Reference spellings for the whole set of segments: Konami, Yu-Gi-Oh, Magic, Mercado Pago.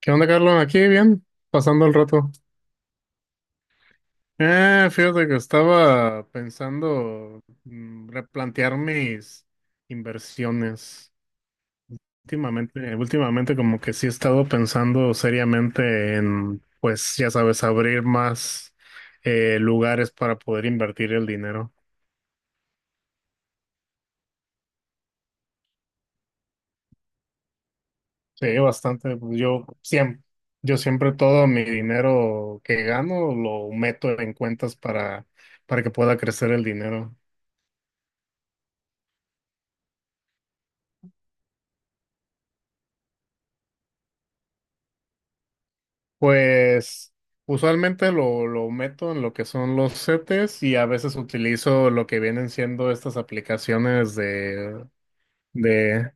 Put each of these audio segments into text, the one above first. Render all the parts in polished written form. ¿Qué onda, Carlos? Aquí bien, pasando el rato. Fíjate que estaba pensando replantear mis inversiones. Últimamente como que sí he estado pensando seriamente en, pues ya sabes, abrir más lugares para poder invertir el dinero. Sí, bastante. Pues, yo siempre todo mi dinero que gano lo meto en cuentas para que pueda crecer el dinero. Pues usualmente lo meto en lo que son los setes y a veces utilizo lo que vienen siendo estas aplicaciones de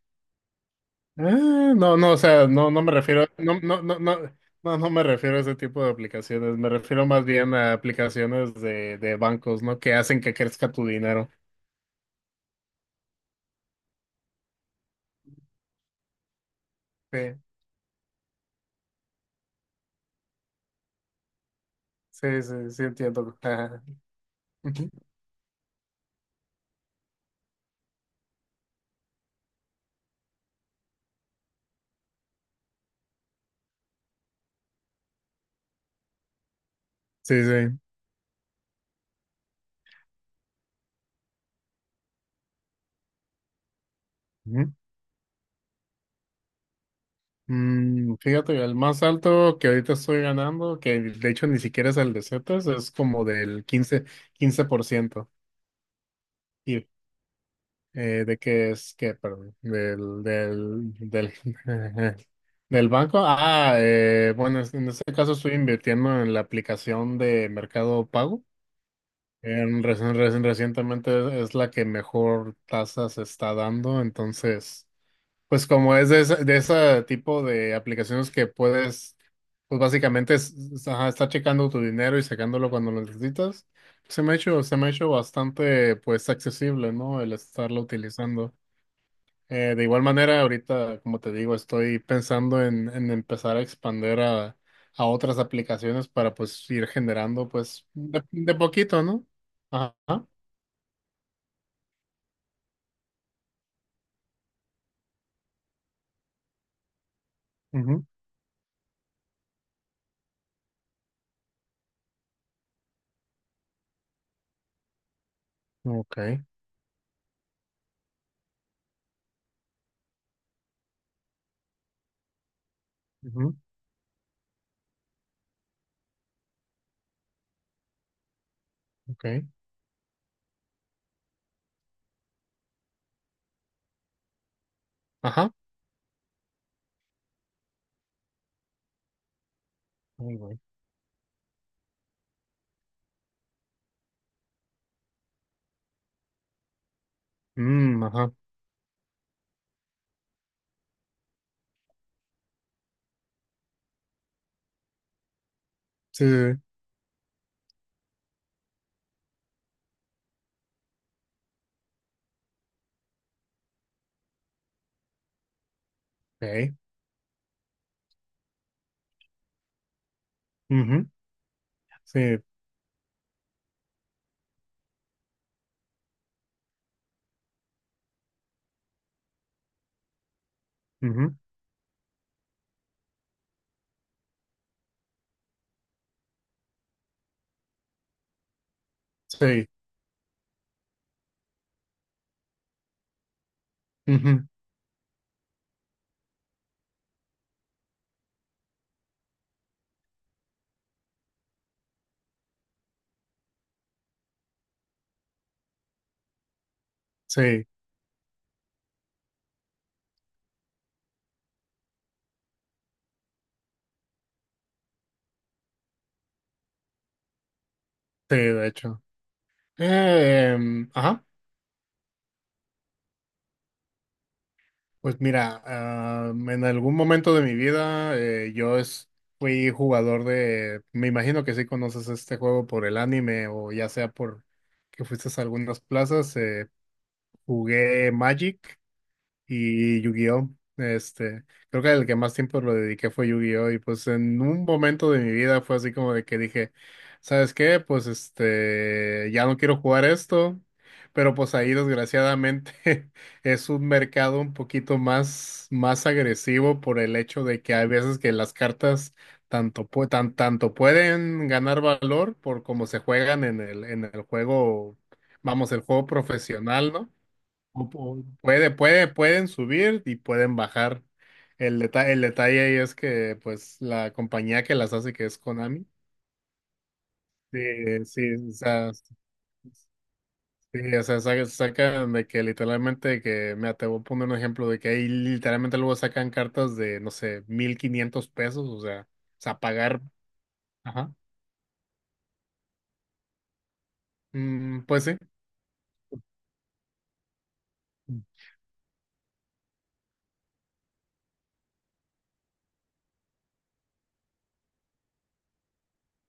no, no, o sea, no, no me refiero, no, no, no, no, no, no me refiero a ese tipo de aplicaciones, me refiero más bien a aplicaciones de bancos, ¿no? Que hacen que crezca tu dinero. Sí, sí, sí, sí entiendo. Sí, sí. Fíjate, el más alto que ahorita estoy ganando, que de hecho ni siquiera es el de Zetas, es como del quince por ciento. Y, ¿De qué es? ¿Qué? Perdón. Del banco. Ah, bueno, en este caso estoy invirtiendo en la aplicación de Mercado Pago. Recientemente es la que mejor tasa se está dando, entonces. Pues como es de ese tipo de aplicaciones que puedes, pues básicamente ajá, estar checando tu dinero y sacándolo cuando lo necesitas, se me ha hecho bastante pues accesible, ¿no? El estarlo utilizando. De igual manera, ahorita, como te digo, estoy pensando en empezar a expander a otras aplicaciones para pues ir generando pues de poquito, ¿no? Ajá. Ujú, ok. Ujú, ok. Ajá. Ay, güey. Mm, ajá. Sí, sí, sí. Okay. Ujú, sí, ujú, sí, ujú, sí, sí, de hecho. Ajá, pues mira, en algún momento de mi vida yo fui jugador de, me imagino que sí conoces este juego por el anime o ya sea por que fuiste a algunas plazas, jugué Magic. Y Yu-Gi-Oh. Este, Creo que el que más tiempo lo dediqué fue Yu-Gi-Oh! Y pues en un momento de mi vida fue así como de que dije, ¿sabes qué? Pues ya no quiero jugar esto. Pero pues ahí desgraciadamente es un mercado un poquito más agresivo por el hecho de que hay veces que las cartas tanto pueden ganar valor por cómo se juegan en el juego, vamos, el juego profesional, ¿no? Pueden subir y pueden bajar. El detalle ahí es que, pues, la compañía que las hace, que es Konami, sí, sí, o sea, sacan de que literalmente, que, mira, te voy a poner un ejemplo de que ahí literalmente luego sacan cartas de, no sé, 1,500 pesos, o sea, pagar, ajá, Mm, pues sí.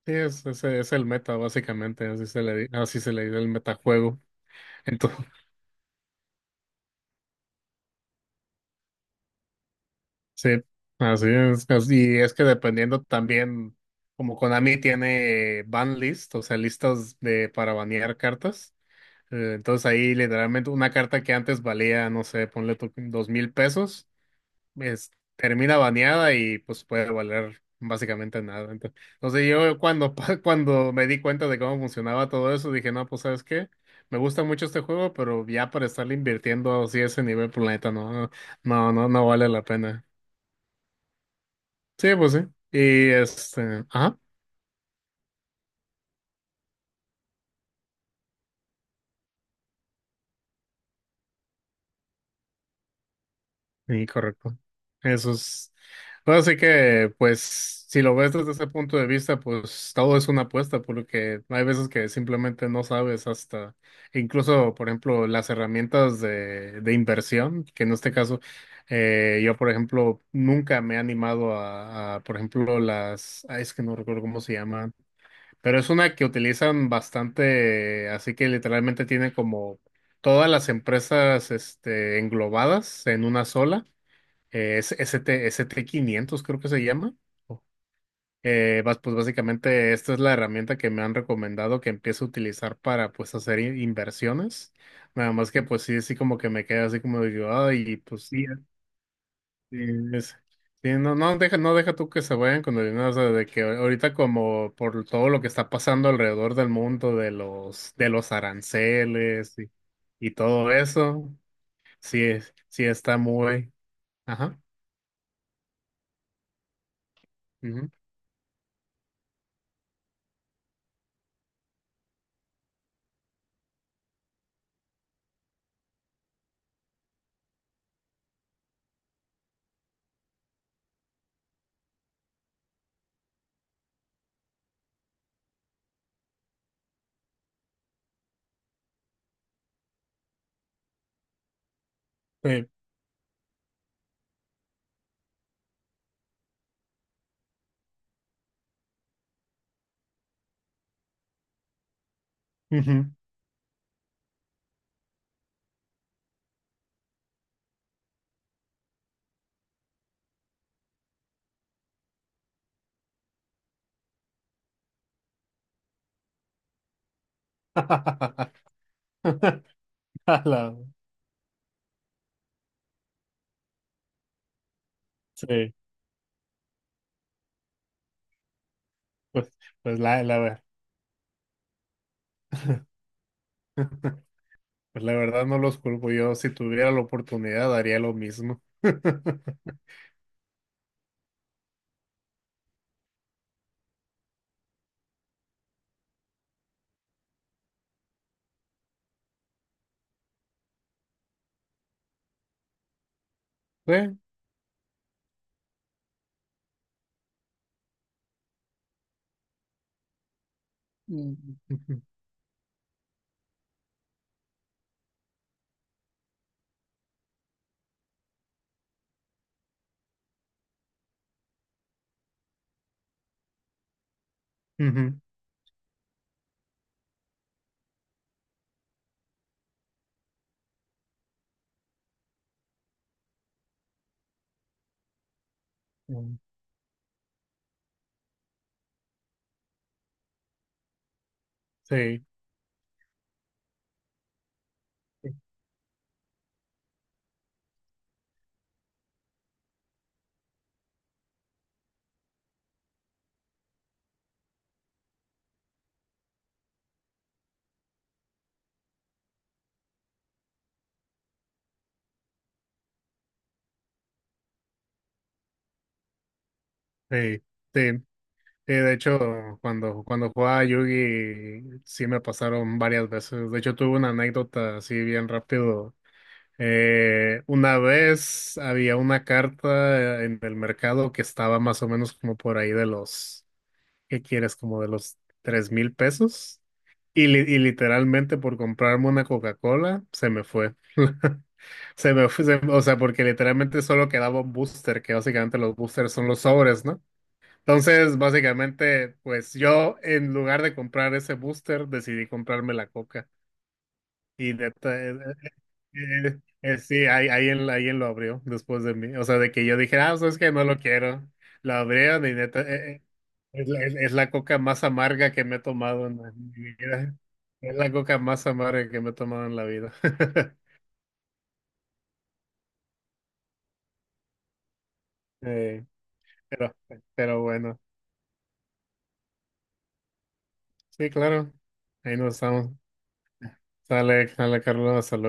Sí, es el meta, básicamente, así se le dice el metajuego. Sí, así es. Y es que dependiendo también, como Konami tiene ban list, o sea, listas de para banear cartas. Entonces ahí literalmente una carta que antes valía, no sé, ponle tú 2,000 pesos, es, termina baneada y pues puede valer básicamente nada. Entonces, cuando me di cuenta de cómo funcionaba todo eso, dije, no, pues ¿sabes qué? Me gusta mucho este juego, pero ya para estarle invirtiendo así a ese nivel, planeta, no, no, no, no no vale la pena. Sí, pues sí. Y ajá, sí, correcto. Eso es. Bueno, así que, pues, si lo ves desde ese punto de vista, pues todo es una apuesta, porque hay veces que simplemente no sabes hasta, incluso, por ejemplo, las herramientas de inversión, que en este caso, yo, por ejemplo, nunca me he animado a, por ejemplo, las, ay, es que no recuerdo cómo se llaman. Pero es una que utilizan bastante, así que literalmente tiene como todas las empresas englobadas en una sola. Es ST 500, creo que se llama. Pues básicamente esta es la herramienta que me han recomendado que empiece a utilizar para pues hacer inversiones. Nada más que pues sí, sí como que me queda así como digo, ay, pues sí. Sí, es- sí, no, no deja tú que se vayan con el dinero, o sea, de que ahorita como por todo lo que está pasando alrededor del mundo de los aranceles y todo eso, sí, sí está muy, ajá, ujú, sí, ujú. A la- sí, pues, pues pues la verdad no los culpo, yo si tuviera la oportunidad haría lo mismo. Sí. Mm, ujú, ujú, ujú. Sí. Sí, sí. Sí, de hecho, cuando jugaba Yugi, sí me pasaron varias veces. De hecho, tuve una anécdota así bien rápido. Una vez había una carta en el mercado que estaba más o menos como por ahí de los, ¿qué quieres? Como de los 3,000 pesos. Y literalmente por comprarme una Coca-Cola, se me fue. Se me fue, o sea, porque literalmente solo quedaba un booster, que básicamente los boosters son los sobres, ¿no? Entonces, básicamente, pues yo en lugar de comprar ese booster, decidí comprarme la coca. Y neta, sí, ahí él lo abrió después de mí. O sea, de que yo dije, ah, sabes que no lo quiero. Lo abrieron y neta, es la coca más amarga que me he tomado en mi vida. Es la coca más amarga que me he tomado en la vida. Eh, pero, pero bueno, sí, claro. Ahí nos estamos. Sale, sale, Carlos, hasta luego.